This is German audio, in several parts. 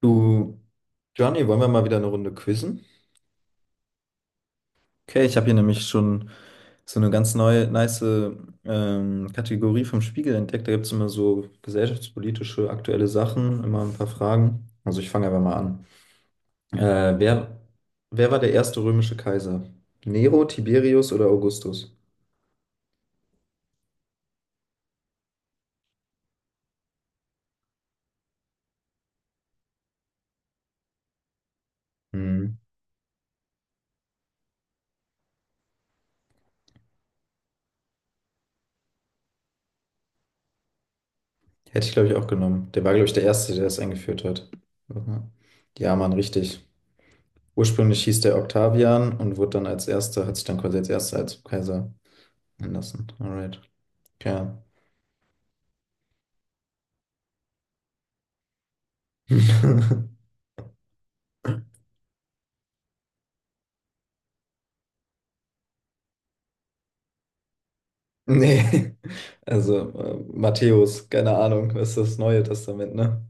Du, Johnny, wollen wir mal wieder eine Runde quizzen? Okay, ich habe hier nämlich schon so eine ganz neue, nice Kategorie vom Spiegel entdeckt. Da gibt es immer so gesellschaftspolitische, aktuelle Sachen, immer ein paar Fragen. Also ich fange einfach mal an. Äh, wer, wer war der erste römische Kaiser? Nero, Tiberius oder Augustus? Hm. Hätte ich, glaube ich, auch genommen. Der war, glaube ich, der Erste, der das eingeführt hat. Aha. Ja, Mann, richtig. Ursprünglich hieß der Octavian und wurde dann als Erster, hat sich dann quasi als Erster als Kaiser Anderson, alright. Ja. Nee, also Matthäus, keine Ahnung, das ist das Neue Testament, ne?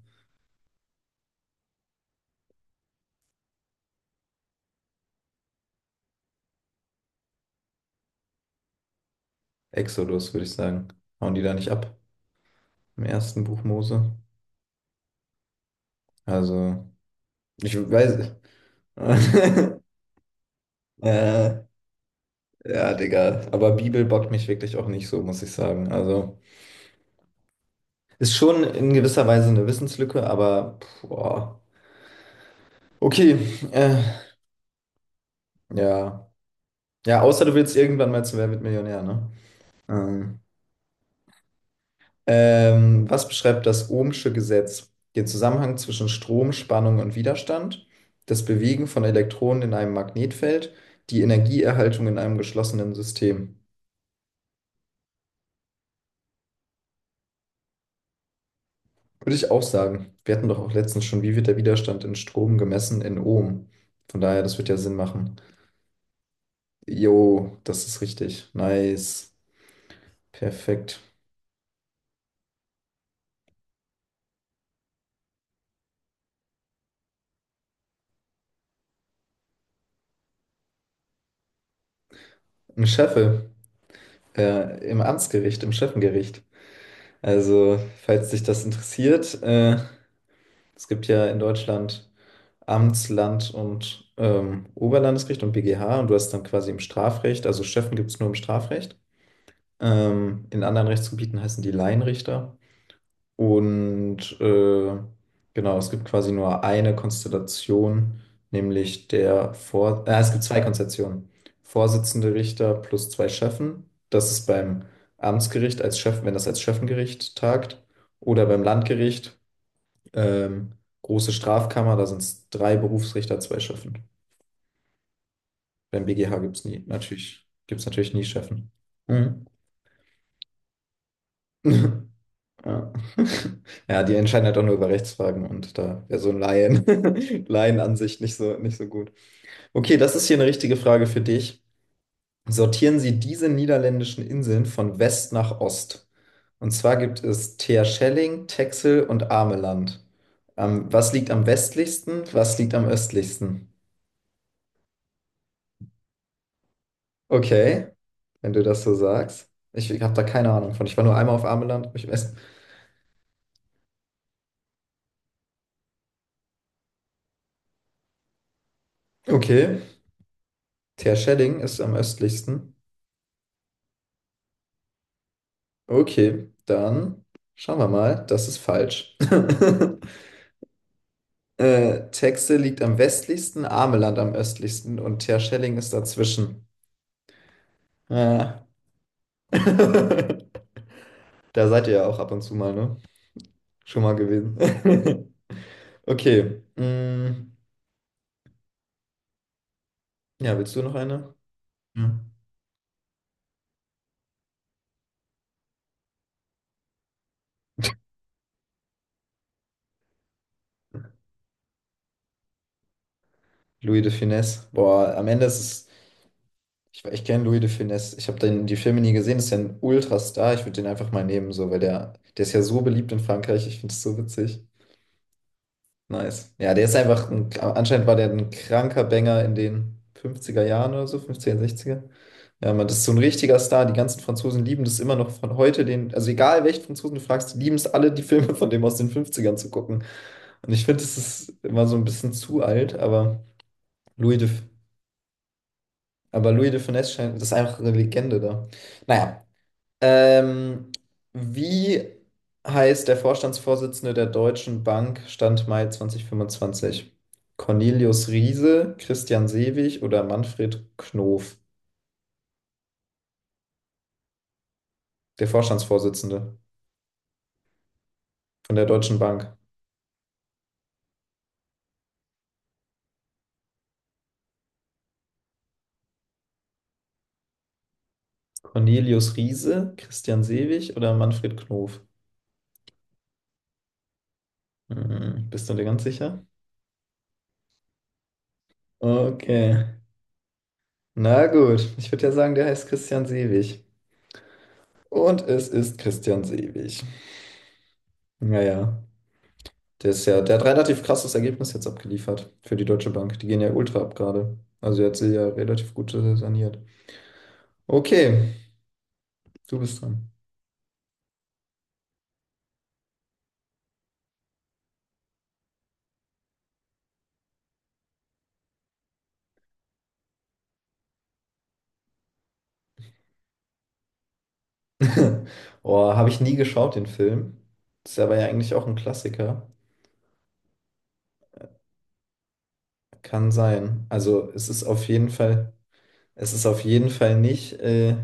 Exodus, würde ich sagen. Hauen die da nicht ab im ersten Buch Mose? Also, ich weiß. äh, ja, Digga. Aber Bibel bockt mich wirklich auch nicht so, muss ich sagen. Also, ist schon in gewisser Weise eine Wissenslücke, aber, boah. Okay, äh, ja. Ja, außer du willst irgendwann mal zu Wer wird Millionär, ne? Ähm, was beschreibt das Ohmsche Gesetz? Den Zusammenhang zwischen Strom, Spannung und Widerstand, das Bewegen von Elektronen in einem Magnetfeld, die Energieerhaltung in einem geschlossenen System. Würde ich auch sagen. Wir hatten doch auch letztens schon, wie wird der Widerstand in Strom gemessen in Ohm? Von daher, das wird ja Sinn machen. Jo, das ist richtig. Nice. Perfekt. Ein Scheffe im Amtsgericht, im Schöffengericht. Also, falls dich das interessiert, es gibt ja in Deutschland. Amtsland und Oberlandesgericht und BGH, und du hast dann quasi im Strafrecht, also Schöffen gibt es nur im Strafrecht. In anderen Rechtsgebieten heißen die Laienrichter. Und genau, es gibt quasi nur eine Konstellation, nämlich der Vor es gibt zwei Konstellationen. Vorsitzende Richter plus zwei Schöffen. Das ist beim Amtsgericht als Schöffen, wenn das als Schöffengericht tagt, oder beim Landgericht, ähm, große Strafkammer, da sind es drei Berufsrichter, zwei Schöffen. Beim BGH gibt es nie, natürlich, gibt's natürlich nie Chefen. Mhm. Ja. Ja, die entscheiden halt auch nur über Rechtsfragen und da wäre so ein Laien, Laienansicht nicht so, nicht so gut. Okay, das ist hier eine richtige Frage für dich. Sortieren Sie diese niederländischen Inseln von West nach Ost. Und zwar gibt es Terschelling, Texel und Ameland. Was liegt am westlichsten? Was liegt am östlichsten? Okay, wenn du das so sagst. Ich habe da keine Ahnung von. Ich war nur einmal auf Ameland, hab mich im Okay, Terschelling ist am östlichsten. Okay, dann schauen wir mal. Das ist falsch. Texel liegt am westlichsten, Ameland am östlichsten und Terschelling ist dazwischen. Ja. Da seid ihr ja auch ab und zu mal, ne? Schon mal gewesen. Okay. Ja, willst du noch eine? Ja. Louis de Funès. Boah, am Ende ist es. Ich kenne Louis de Funès. Ich habe den die Filme nie gesehen. Das ist ja ein Ultrastar. Ich würde den einfach mal nehmen, so, weil der ist ja so beliebt in Frankreich. Ich finde es so witzig. Nice. Ja, der ist einfach ein, anscheinend war der ein kranker Banger in den fünfziger Jahren oder so, 50 sechziger. Ja, man, das ist so ein richtiger Star. Die ganzen Franzosen lieben das immer noch von heute. Den, also egal welchen Franzosen du fragst, die lieben es alle, die Filme von dem aus den 50 zu gucken. Und ich finde, das ist immer so ein bisschen zu alt, Louis de, aber Louis de Funès scheint, das ist einfach eine Legende da. Naja, Ähm, wie heißt der Vorstandsvorsitzende der Deutschen Bank Stand Mai 2025? Cornelius Riese, Christian Sewig oder Manfred Knof? Der Vorstandsvorsitzende von, der Deutschen Bank. Cornelius Riese, Christian Sewig oder Manfred Knof? Hm, bist du dir ganz sicher? Okay. Na gut, ich würde ja sagen, der heißt Christian Sewig. Und es ist Christian Sewig. Naja. Der ist ja, der hat relativ krasses Ergebnis jetzt abgeliefert für die Deutsche Bank. Die gehen ja ultra ab gerade. Also die hat sie ja relativ gut saniert. Okay, du bist dran. Oh, habe ich nie geschaut, den Film. Ist aber ja eigentlich auch ein Klassiker. Kann sein. Also es ist auf jeden Fall, es ist auf jeden Fall nicht.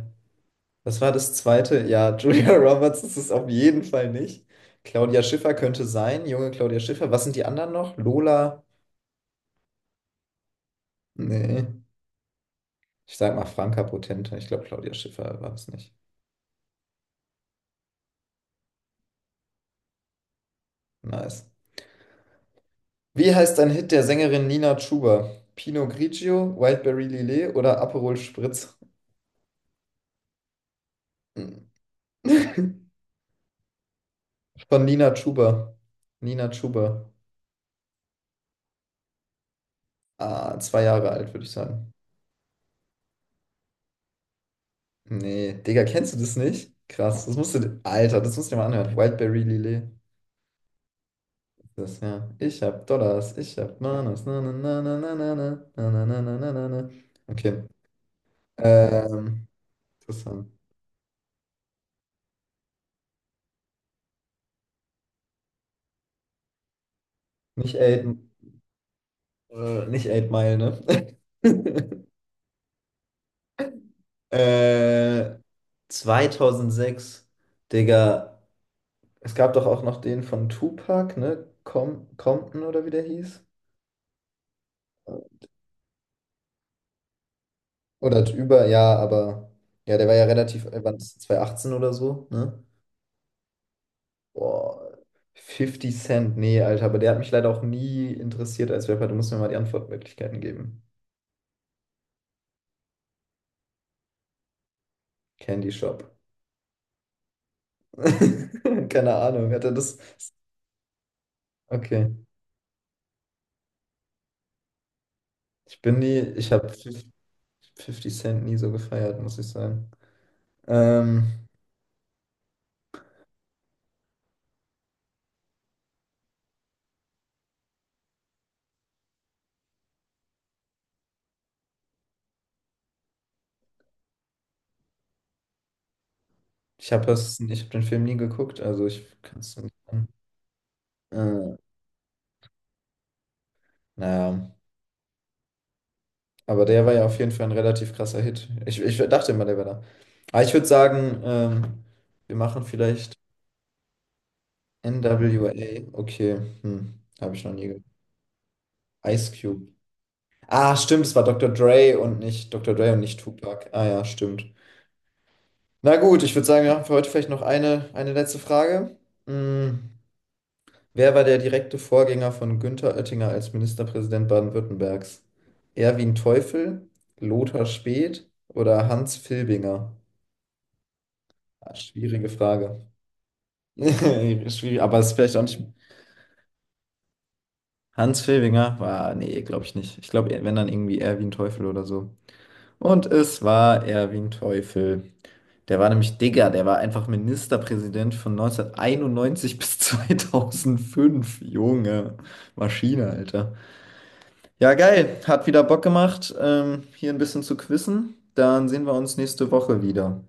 Was war das zweite? Ja, Julia Roberts ist es auf jeden Fall nicht. Claudia Schiffer könnte sein, junge Claudia Schiffer. Was sind die anderen noch? Lola? Nee. Ich sag mal Franka Potente. Ich glaube, Claudia Schiffer war es nicht. Nice. Wie heißt ein Hit der Sängerin Nina Chuba? Pinot Grigio, Wildberry Lillet oder Aperol Spritz? Von Nina Chuba. Nina Chuba. Ah, zwei Jahre alt, würde ich sagen. Nee, Digga, kennst du das nicht? Krass, das musst du, Alter, das musst du dir mal anhören. Wildberry Lillet. Das, ja. Ich hab Dollars, ich hab Manas. Na, na, na, na, na, na, na, na, na, na, na, na, na. Okay. Ähm, interessant. Nicht A, nicht Eight Mile, ne? äh, 2006, Digga. Es gab doch auch noch den von Tupac, ne? Compton oder wie der hieß. Oder über, ja, aber ja, der war ja relativ, wann ist das, 2018 oder so, ne? Boah, 50 Cent, nee, Alter, aber der hat mich leider auch nie interessiert als Rapper. Du musst mir mal die Antwortmöglichkeiten geben. Candy Shop. Keine Ahnung, hat er das? Okay. Ich bin nie, ich habe Fifty Cent nie so gefeiert, muss ich sagen. Ähm, ich habe den Film nie geguckt, also ich kann es nicht sagen. Äh, naja, aber der war ja auf jeden Fall ein relativ krasser Hit. Ich dachte immer, der wäre da. Aber ich würde sagen, wir machen vielleicht NWA. Okay, hm, habe ich noch nie gehört. Ice Cube. Ah, stimmt, es war Dr. Dre und nicht Dr. Dre und nicht Tupac. Ah ja, stimmt. Na gut, ich würde sagen, wir machen für heute vielleicht noch eine letzte Frage. Mm. Wer war der direkte Vorgänger von Günther Oettinger als Ministerpräsident Baden-Württembergs? Erwin Teufel, Lothar Späth oder Hans Filbinger? Ah, schwierige Frage. Schwierig, aber es ist vielleicht auch nicht. Hans Filbinger? Ah, nee, glaube ich nicht. Ich glaube, wenn dann irgendwie Erwin Teufel oder so. Und es war Erwin Teufel. Der war nämlich Digger, der war einfach Ministerpräsident von 1991 bis 2005. Junge, Maschine, Alter. Ja, geil. Hat wieder Bock gemacht, hier ein bisschen zu quizzen. Dann sehen wir uns nächste Woche wieder.